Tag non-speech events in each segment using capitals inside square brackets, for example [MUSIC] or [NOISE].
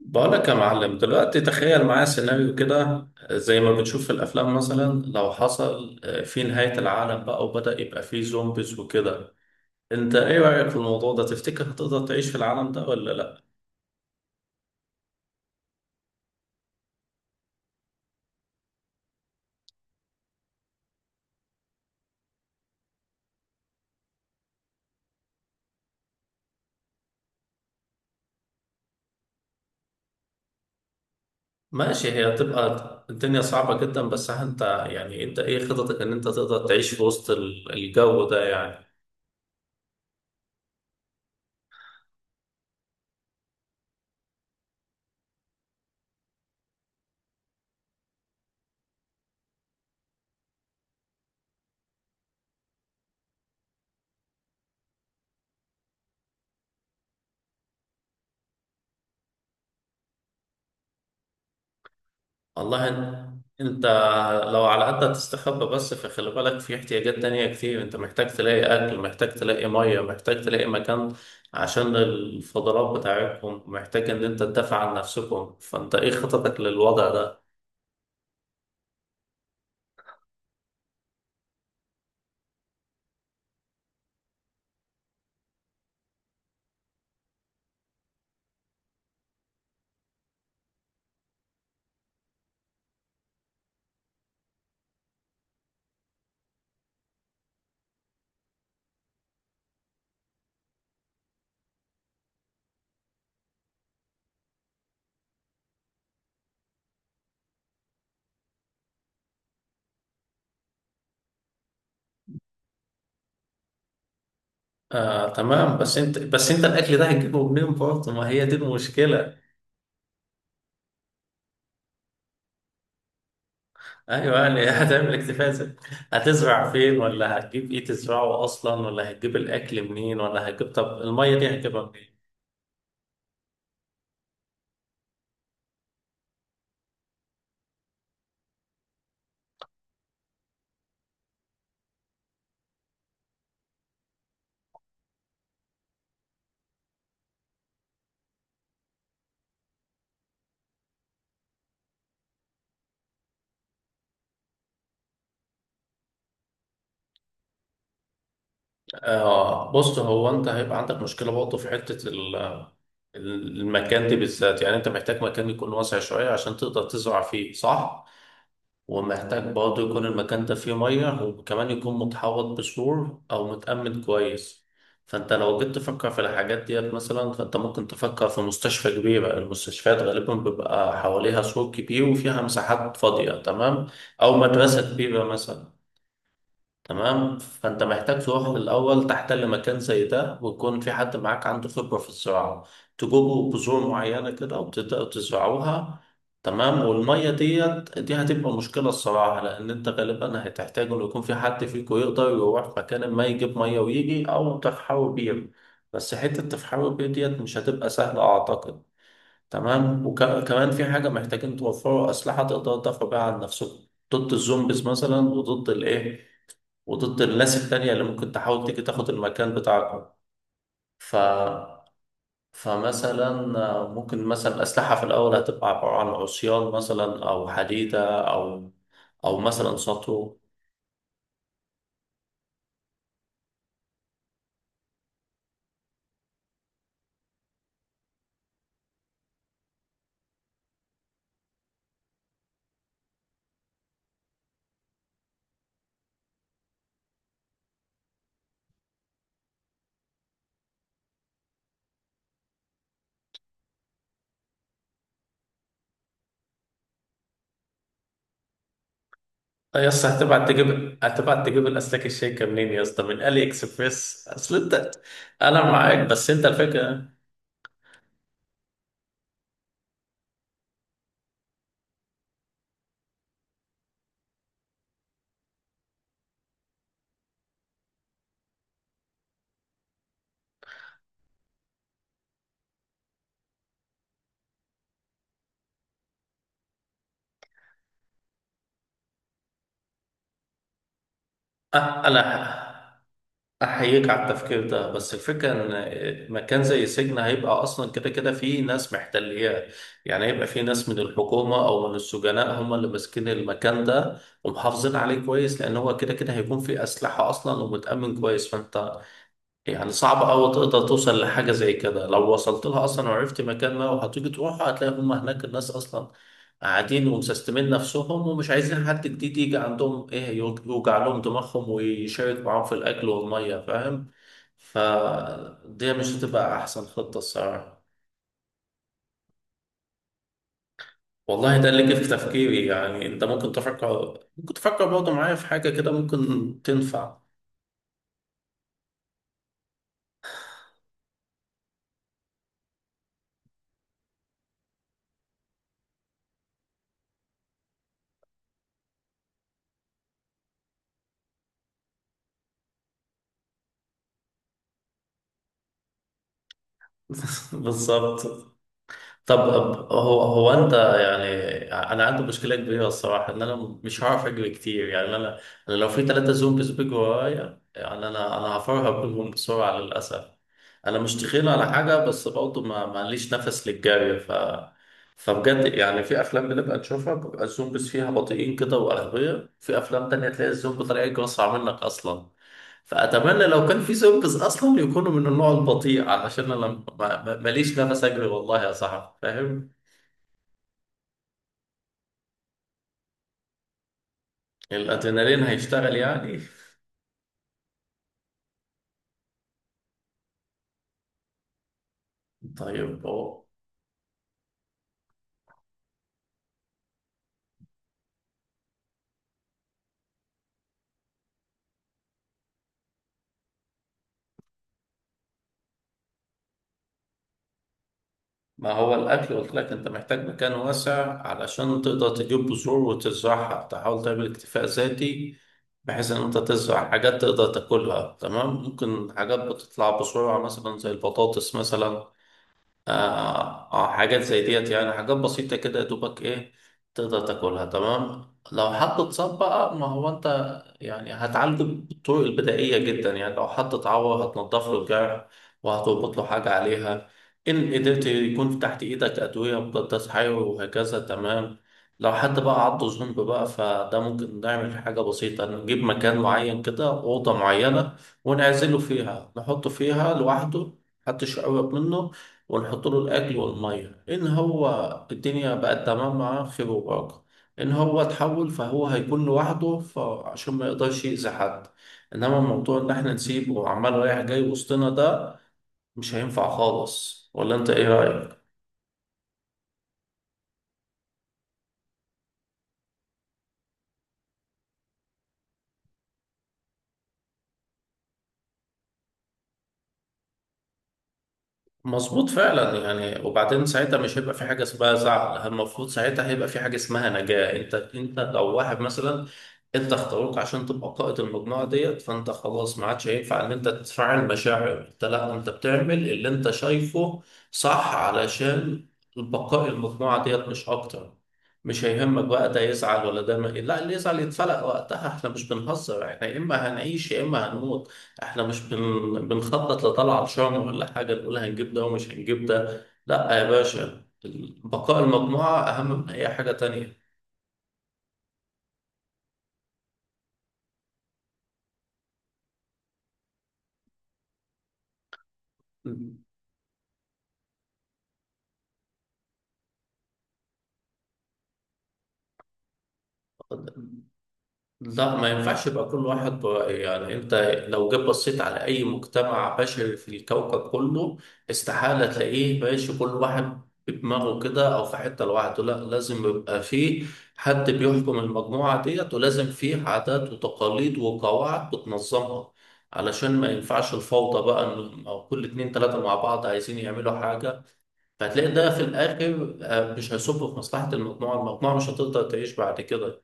بقولك يا معلم، دلوقتي تخيل معايا سيناريو كده زي ما بنشوف في الأفلام. مثلا لو حصل في نهاية العالم، بقى وبدأ يبقى فيه زومبيز وكده. أنت إيه رأيك في الموضوع ده؟ تفتكر هتقدر تعيش في العالم ده ولا لأ؟ ماشي، هي هتبقى الدنيا صعبة جدا، بس أنت أنت إيه خططك إن أنت تقدر تعيش في وسط الجو ده يعني؟ والله انت لو على قد تستخبى، بس فخلي بالك في احتياجات تانية كتير. انت محتاج تلاقي اكل، محتاج تلاقي مية، محتاج تلاقي مكان عشان الفضلات بتاعتكم، محتاج ان انت تدافع عن نفسكم. فانت ايه خططك للوضع ده؟ آه تمام، بس انت الاكل ده هتجيبه منين برضه؟ ما هي دي المشكلة. ايوه يعني [LAUGHS] هتعمل اكتفاء ذاتي. هتزرع فين؟ ولا هتجيب ايه تزرعه اصلا؟ ولا هتجيب الاكل منين؟ ولا هتجيب، طب المية دي هتجيبها منين؟ آه بص، هو انت هيبقى عندك مشكله برضه في حته المكان دي بالذات. يعني انت محتاج مكان يكون واسع شويه عشان تقدر تزرع فيه، صح؟ ومحتاج برضه يكون المكان ده فيه ميه، وكمان يكون متحوط بسور او متأمن كويس. فانت لو جيت تفكر في الحاجات ديت، مثلا فانت ممكن تفكر في مستشفى كبيره. المستشفيات غالبا بيبقى حواليها سور كبير وفيها مساحات فاضيه، تمام؟ او مدرسه كبيره مثلا. تمام، فانت محتاج تروح الاول تحتل مكان زي ده، ويكون في حد معاك عنده خبره في الزراعه. تجيبوا بذور معينه كده وتبداوا تزرعوها. تمام، والميه ديت دي هتبقى مشكله الصراحه، لان انت غالبا هتحتاج انه يكون في حد فيكم يقدر يروح مكان ما يجيب ميه ويجي، او تفحروا بير. بس حته تفحروا بير ديت مش هتبقى سهله اعتقد. تمام، وكمان في حاجه محتاجين توفروا اسلحه تقدروا تدافعوا بيها عن نفسكم ضد الزومبيز مثلا، وضد الايه، وضد الناس التانية اللي ممكن تحاول تيجي تاخد المكان بتاعكم. ف... فمثلا ممكن مثلا الأسلحة في الأول هتبقى عبارة عن عصيان مثلا، أو حديدة، أو مثلا سطو. يا اسطى، هتبعت تجيب الأسلاك الشيكة منين يا اسطى؟ من ألي إكسبريس؟ أصل أنت، أنا معاك بس أنت الفكرة. أه، أنا أحييك على التفكير ده، بس الفكرة إن مكان زي سجن هيبقى أصلا كده كده فيه ناس محتلياه. يعني هيبقى فيه ناس من الحكومة أو من السجناء هم اللي ماسكين المكان ده ومحافظين عليه كويس، لأن هو كده كده هيكون فيه أسلحة أصلا ومتأمن كويس. فأنت يعني صعب أوي تقدر توصل لحاجة زي كده. لو وصلت لها أصلا وعرفت مكان ما وهتيجي تروح، هتلاقي هم هناك الناس أصلا قاعدين ومسستمين نفسهم، ومش عايزين حد جديد يجي عندهم إيه، يوجع لهم دماغهم ويشارك معاهم في الأكل والمية، فاهم؟ فدي مش هتبقى أحسن خطة الصراحة. والله ده اللي جه في تفكيري، يعني أنت ممكن تفكر، ممكن تفكر برضه معايا في حاجة كده ممكن تنفع. [LAUGHS] بالظبط. هو هو انت يعني انا عندي مشكله كبيره الصراحه ان انا مش هعرف اجري كتير. يعني انا لو في 3 زومبيز بيجوا ورايا، يعني انا هفرهق بيهم بسرعه للاسف. انا مش تخين على حاجه، بس برضه ما معليش نفس للجري. فبجد يعني في افلام بنبقى نشوفها بيبقى الزومبيز فيها بطيئين كده واغبياء، في افلام تانية تلاقي الزومبي طالع يجري اسرع منك اصلا. فأتمنى لو كان في سيرفيس أصلا يكونوا من النوع البطيء، علشان أنا ماليش نفس أجري والله يا صاحبي، فاهم؟ الأدرينالين هيشتغل يعني. طيب هو، ما هو الأكل قلت لك، أنت محتاج مكان واسع علشان تقدر تجيب بذور وتزرعها، تحاول تعمل اكتفاء ذاتي، بحيث إن أنت تزرع حاجات تقدر تاكلها، تمام؟ ممكن حاجات بتطلع بسرعة مثلا زي البطاطس مثلا. آه، حاجات زي ديت يعني، حاجات بسيطة كده يا دوبك إيه، تقدر تاكلها تمام. لو حد اتصاب بقى، ما هو أنت يعني هتعالجه بالطرق البدائية جدا. يعني لو حد اتعور هتنضف له الجرح وهتربط له حاجة عليها، إن قدرت يكون تحت إيدك أدوية مضادات حيوي وهكذا، تمام؟ لو حد بقى عضه ذنب بقى، فده ممكن نعمل حاجة بسيطة، نجيب مكان معين كده، أوضة معينة ونعزله فيها، نحطه فيها لوحده، محدش يقرب منه، ونحط له الاكل والميه. ان هو الدنيا بقت تمام معاه، خير وبركه. ان هو اتحول، فهو هيكون لوحده فعشان ما يقدرش يأذي حد. انما موضوع ان احنا نسيبه وعمال رايح جاي وسطنا ده، مش هينفع خالص، ولا انت ايه رأيك؟ مظبوط فعلا يعني، وبعدين ساعتها مش هيبقى في حاجه اسمها زعل، المفروض ساعتها هيبقى في حاجه اسمها نجاه. انت لو واحد مثلا انت اختاروك عشان تبقى قائد المجموعه ديت، فانت خلاص ما عادش هينفع ان انت تفعل مشاعر، انت لا، انت بتعمل اللي انت شايفه صح علشان بقاء المجموعه ديت، مش اكتر. مش هيهمك بقى ده يزعل ولا ده ما لا، اللي يزعل يتفلق وقتها. احنا مش بنهزر، احنا يا اما هنعيش يا اما هنموت، احنا مش بنخطط لطلعة شهر ولا حاجة نقول هنجيب ده ومش هنجيب ده، لا يا باشا، بقاء المجموعة أهم من أي حاجة تانية. لا ما ينفعش يبقى كل واحد يعني انت لو جيت بصيت على اي مجتمع بشري في الكوكب كله، استحالة تلاقيه ماشي كل واحد بدماغه كده او في حتة لوحده. لا، لازم يبقى فيه حد بيحكم المجموعة ديت، ولازم فيه عادات وتقاليد وقواعد بتنظمها، علشان ما ينفعش الفوضى بقى، انهم او كل اتنين تلاتة مع بعض عايزين يعملوا حاجة. فهتلاقي ده في الاخر مش هيصب في مصلحة المجموعة، المجموعة مش هتقدر تعيش بعد كده.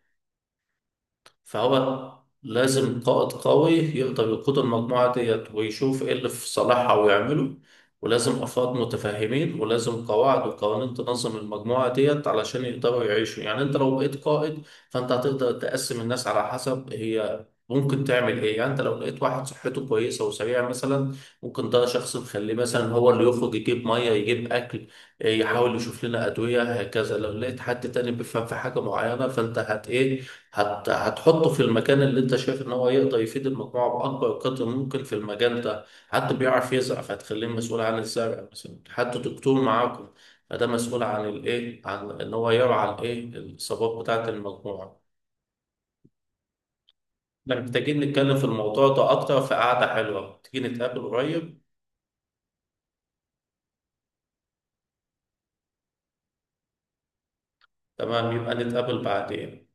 فهو لازم قائد قوي يقدر يقود المجموعة ديت ويشوف ايه اللي في صالحها ويعمله، ولازم أفراد متفاهمين، ولازم قواعد وقوانين تنظم المجموعة ديت علشان يقدروا يعيشوا. يعني انت لو بقيت قائد، فانت هتقدر تقسم الناس على حسب هي ممكن تعمل ايه. يعني انت لو لقيت واحد صحته كويسة وسريعة مثلا، ممكن ده شخص نخليه مثلا هو اللي يخرج يجيب مية، يجيب اكل، يحاول يشوف لنا ادوية، هكذا. لو لقيت حد تاني بيفهم في حاجة معينة، فانت هتحطه في المكان اللي انت شايف ان هو يقدر يفيد المجموعه باكبر قدر ممكن في المجال ده. حد بيعرف يزرع، فهتخليه مسؤول عن الزرع مثلا. حد دكتور معاكم، فده مسؤول عن الايه، عن ان هو يرعى الايه الاصابات بتاعه المجموعه. احنا محتاجين نتكلم في الموضوع ده اكتر في قعده حلوه، تيجي نتقابل قريب. تمام، يبقى نتقابل بعدين.